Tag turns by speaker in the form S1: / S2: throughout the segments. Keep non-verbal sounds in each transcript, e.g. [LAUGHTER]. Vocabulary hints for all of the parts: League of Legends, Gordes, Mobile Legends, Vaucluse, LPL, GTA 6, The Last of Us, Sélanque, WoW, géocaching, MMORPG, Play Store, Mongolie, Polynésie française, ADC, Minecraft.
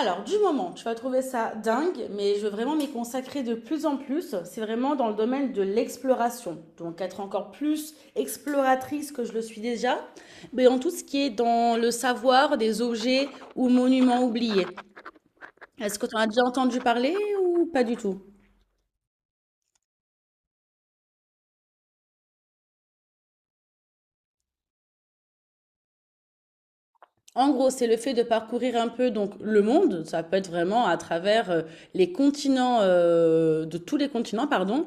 S1: Alors, du moment, tu vas trouver ça dingue, mais je veux vraiment m'y consacrer de plus en plus. C'est vraiment dans le domaine de l'exploration. Donc, être encore plus exploratrice que je le suis déjà, mais en tout ce qui est dans le savoir des objets ou monuments oubliés. Est-ce que tu en as déjà entendu parler ou pas du tout? En gros, c'est le fait de parcourir un peu donc le monde, ça peut être vraiment à travers les continents, de tous les continents, pardon,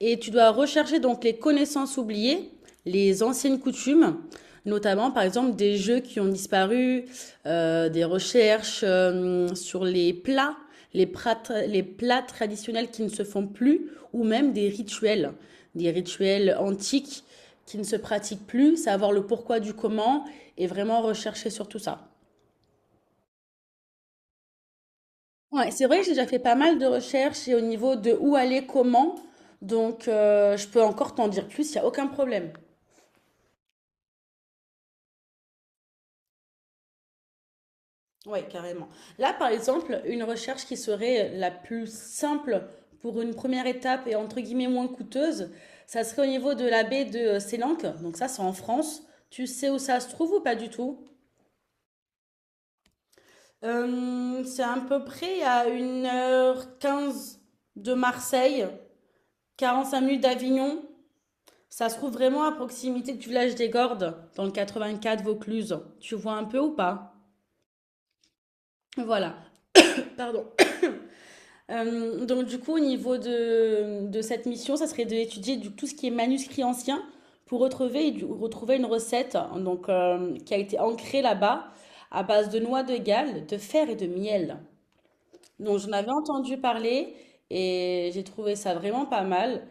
S1: et tu dois rechercher donc les connaissances oubliées, les anciennes coutumes. Notamment, par exemple, des jeux qui ont disparu, des recherches sur les plats, les plats, les plats traditionnels qui ne se font plus, ou même des rituels antiques qui ne se pratiquent plus, savoir le pourquoi du comment et vraiment rechercher sur tout ça. Ouais, c'est vrai que j'ai déjà fait pas mal de recherches et au niveau de où aller, comment, donc je peux encore t'en dire plus, il n'y a aucun problème. Oui, carrément. Là, par exemple, une recherche qui serait la plus simple pour une première étape et entre guillemets moins coûteuse, ça serait au niveau de la baie de Sélanque. Donc ça, c'est en France. Tu sais où ça se trouve ou pas du tout? C'est à peu près à 1h15 de Marseille, 45 minutes d'Avignon. Ça se trouve vraiment à proximité du village des Gordes, dans le 84 Vaucluse. Tu vois un peu ou pas? Voilà. Pardon. Donc du coup, au niveau de cette mission, ça serait d'étudier tout ce qui est manuscrit ancien pour retrouver, retrouver une recette hein, donc, qui a été ancrée là-bas à base de noix de Galles, de fer et de miel. Donc j'en avais entendu parler et j'ai trouvé ça vraiment pas mal.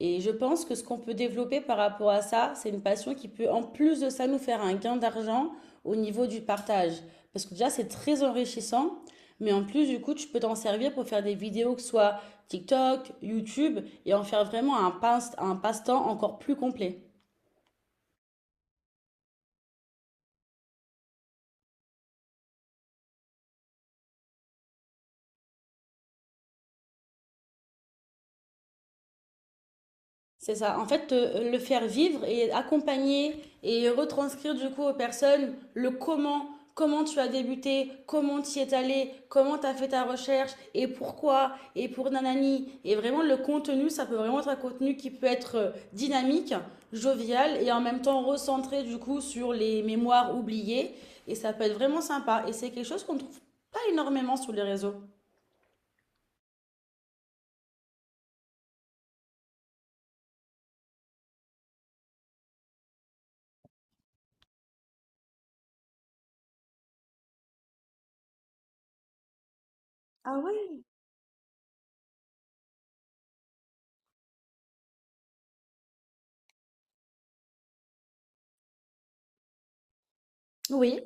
S1: Et je pense que ce qu'on peut développer par rapport à ça, c'est une passion qui peut, en plus de ça, nous faire un gain d'argent au niveau du partage. Parce que déjà, c'est très enrichissant. Mais en plus, du coup, tu peux t'en servir pour faire des vidéos, que ce soit TikTok, YouTube, et en faire vraiment un passe-temps encore plus complet. C'est ça. En fait, le faire vivre et accompagner et retranscrire du coup aux personnes le comment tu as débuté, comment tu y es allé, comment tu as fait ta recherche et pourquoi et pour nanani. Et vraiment, le contenu, ça peut vraiment être un contenu qui peut être dynamique, jovial et en même temps recentré du coup sur les mémoires oubliées. Et ça peut être vraiment sympa. Et c'est quelque chose qu'on ne trouve pas énormément sur les réseaux. Ah ouais? Oui.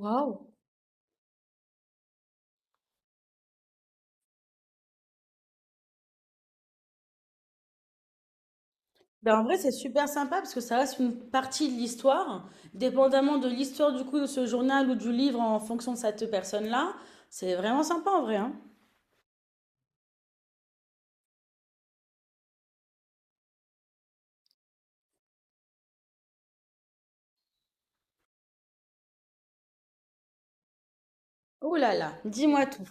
S1: Waouh! Ben, en vrai, c'est super sympa parce que ça reste une partie de l'histoire. Dépendamment de l'histoire du coup de ce journal ou du livre en fonction de cette personne-là, c'est vraiment sympa en vrai, hein. Oh là là, dis-moi tout.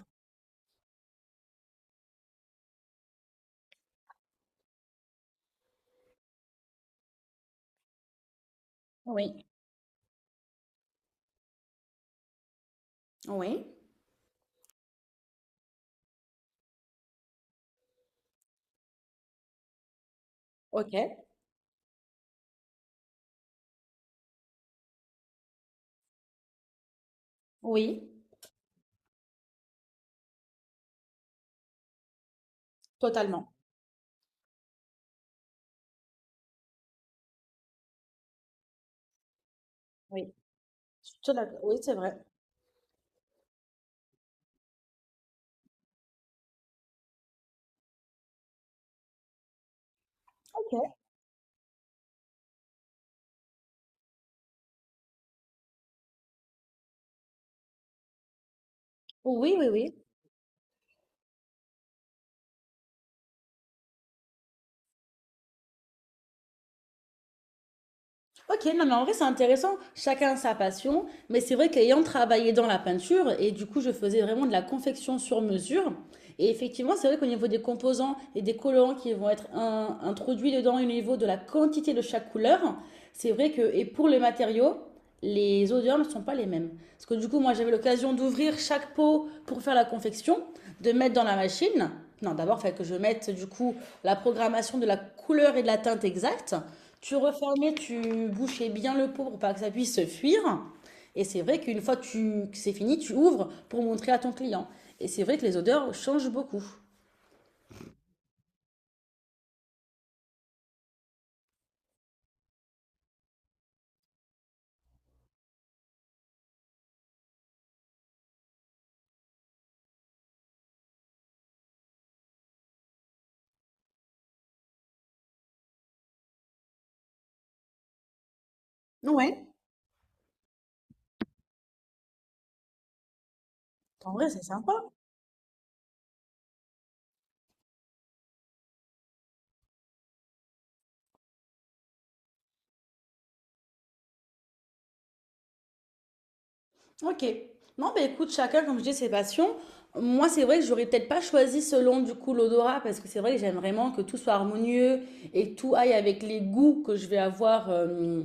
S1: Oui, oui, ok, oui, totalement. Oui, oui, c'est vrai. Ok. Oui, oui, oui. Ok, non, mais en vrai, c'est intéressant. Chacun sa passion. Mais c'est vrai qu'ayant travaillé dans la peinture, et du coup, je faisais vraiment de la confection sur mesure. Et effectivement, c'est vrai qu'au niveau des composants et des colorants qui vont être introduits dedans, au niveau de la quantité de chaque couleur, c'est vrai que, et pour les matériaux, les odeurs ne sont pas les mêmes. Parce que du coup, moi, j'avais l'occasion d'ouvrir chaque pot pour faire la confection, de mettre dans la machine. Non, d'abord, il fallait que je mette, du coup, la programmation de la couleur et de la teinte exacte. Tu refermais, tu bouchais bien le pot pour pas que ça puisse se fuir. Et c'est vrai qu'une fois que c'est fini, tu ouvres pour montrer à ton client. Et c'est vrai que les odeurs changent beaucoup. Ouais. En vrai, c'est sympa. Ok. Non, mais écoute, chacun, comme je dis, ses passions. Moi, c'est vrai que j'aurais peut-être pas choisi selon du coup l'odorat parce que c'est vrai que j'aime vraiment que tout soit harmonieux et que tout aille avec les goûts que je vais avoir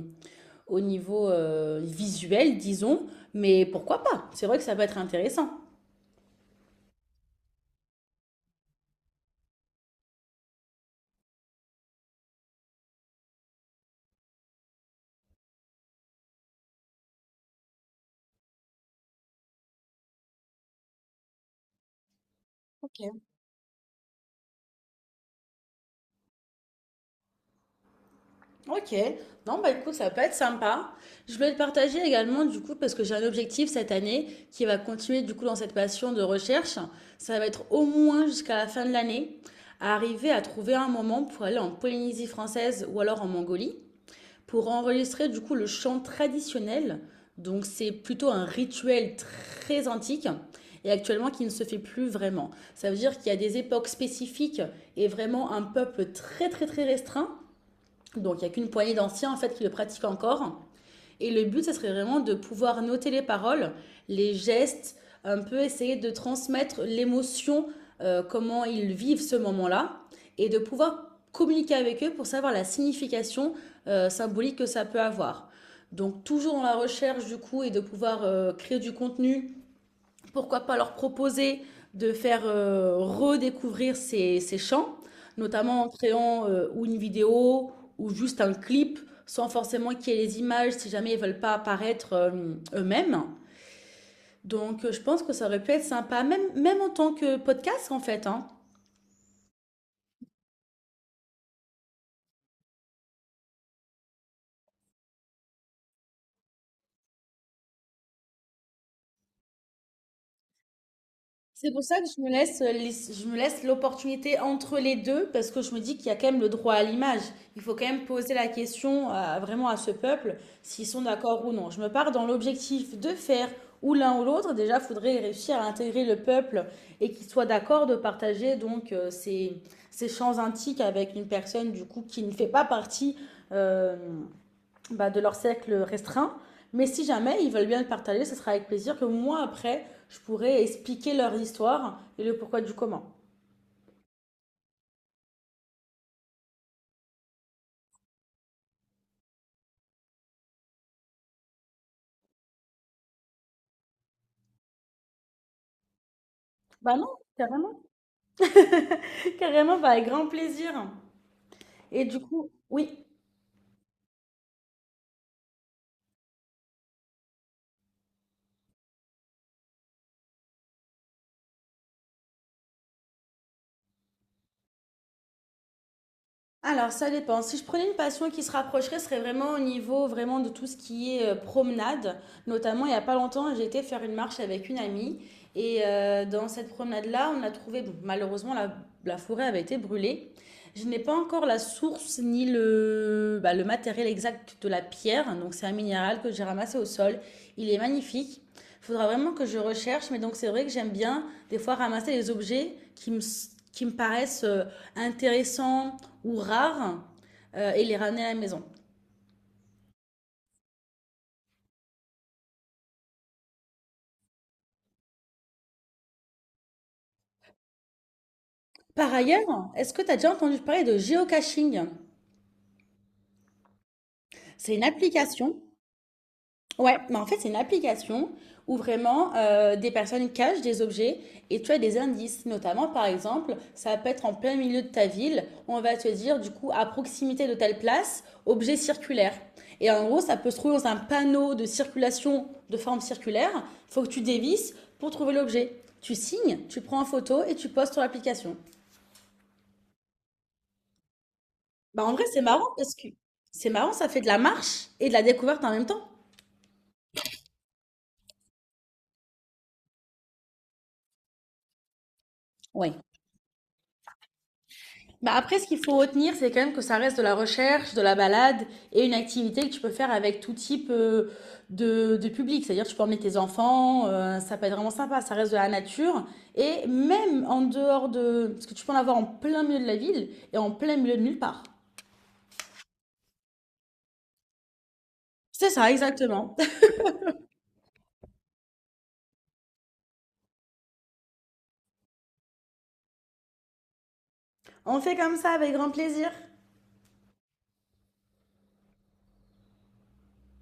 S1: au niveau visuel, disons. Mais pourquoi pas? C'est vrai que ça peut être intéressant. Ok, non bah écoute, ça peut être sympa. Je voulais le partager également du coup parce que j'ai un objectif cette année qui va continuer du coup dans cette passion de recherche. Ça va être au moins jusqu'à la fin de l'année à arriver à trouver un moment pour aller en Polynésie française ou alors en Mongolie pour enregistrer du coup le chant traditionnel. Donc c'est plutôt un rituel très antique et actuellement qui ne se fait plus vraiment. Ça veut dire qu'il y a des époques spécifiques et vraiment un peuple très très très restreint donc il n'y a qu'une poignée d'anciens en fait qui le pratiquent encore. Et le but, ça serait vraiment de pouvoir noter les paroles, les gestes, un peu essayer de transmettre l'émotion, comment ils vivent ce moment-là, et de pouvoir communiquer avec eux pour savoir la signification symbolique que ça peut avoir. Donc toujours dans la recherche du coup et de pouvoir créer du contenu, pourquoi pas leur proposer de faire redécouvrir ces chants, notamment en créant ou une vidéo ou juste un clip, sans forcément qu'il y ait les images si jamais ils veulent pas apparaître eux-mêmes. Donc je pense que ça aurait pu être sympa, même, même en tant que podcast en fait, hein. C'est pour ça que je me laisse, je me laisse l'opportunité entre les deux parce que je me dis qu'il y a quand même le droit à l'image. Il faut quand même poser la question vraiment à ce peuple s'ils sont d'accord ou non. Je me pars dans l'objectif de faire ou l'un ou l'autre. Déjà, il faudrait réussir à intégrer le peuple et qu'il soit d'accord de partager donc ces champs antiques avec une personne du coup qui ne fait pas partie euh, de leur cercle restreint. Mais si jamais ils veulent bien le partager, ce sera avec plaisir que moi, après, je pourrai expliquer leur histoire et le pourquoi du comment. Bah non, carrément. [LAUGHS] Carrément, bah, avec grand plaisir. Et du coup, oui. Alors ça dépend. Si je prenais une passion qui se rapprocherait, ce serait vraiment au niveau vraiment de tout ce qui est promenade. Notamment, il n'y a pas longtemps, j'ai été faire une marche avec une amie. Et dans cette promenade-là, on a trouvé, bon, malheureusement, la forêt avait été brûlée. Je n'ai pas encore la source ni le, bah, le matériel exact de la pierre. Donc c'est un minéral que j'ai ramassé au sol. Il est magnifique. Il faudra vraiment que je recherche, mais donc c'est vrai que j'aime bien des fois ramasser les objets qui me paraissent intéressants ou rares et les ramener à la maison. Par ailleurs, est-ce que tu as déjà entendu parler de géocaching? C'est une application. Ouais, mais en fait, c'est une application où vraiment des personnes cachent des objets et tu as des indices. Notamment, par exemple, ça peut être en plein milieu de ta ville, on va te dire du coup à proximité de telle place, objet circulaire. Et en gros, ça peut se trouver dans un panneau de circulation de forme circulaire. Il faut que tu dévisses pour trouver l'objet. Tu signes, tu prends en photo et tu postes sur l'application. Bah en vrai, c'est marrant parce que c'est marrant, ça fait de la marche et de la découverte en même temps. Oui. Bah après, ce qu'il faut retenir, c'est quand même que ça reste de la recherche, de la balade et une activité que tu peux faire avec tout type de public. C'est-à-dire, tu peux emmener tes enfants, ça peut être vraiment sympa, ça reste de la nature. Et même en dehors de... Parce que tu peux en avoir en plein milieu de la ville et en plein milieu de nulle part. C'est ça, exactement. [LAUGHS] On fait comme ça avec grand plaisir.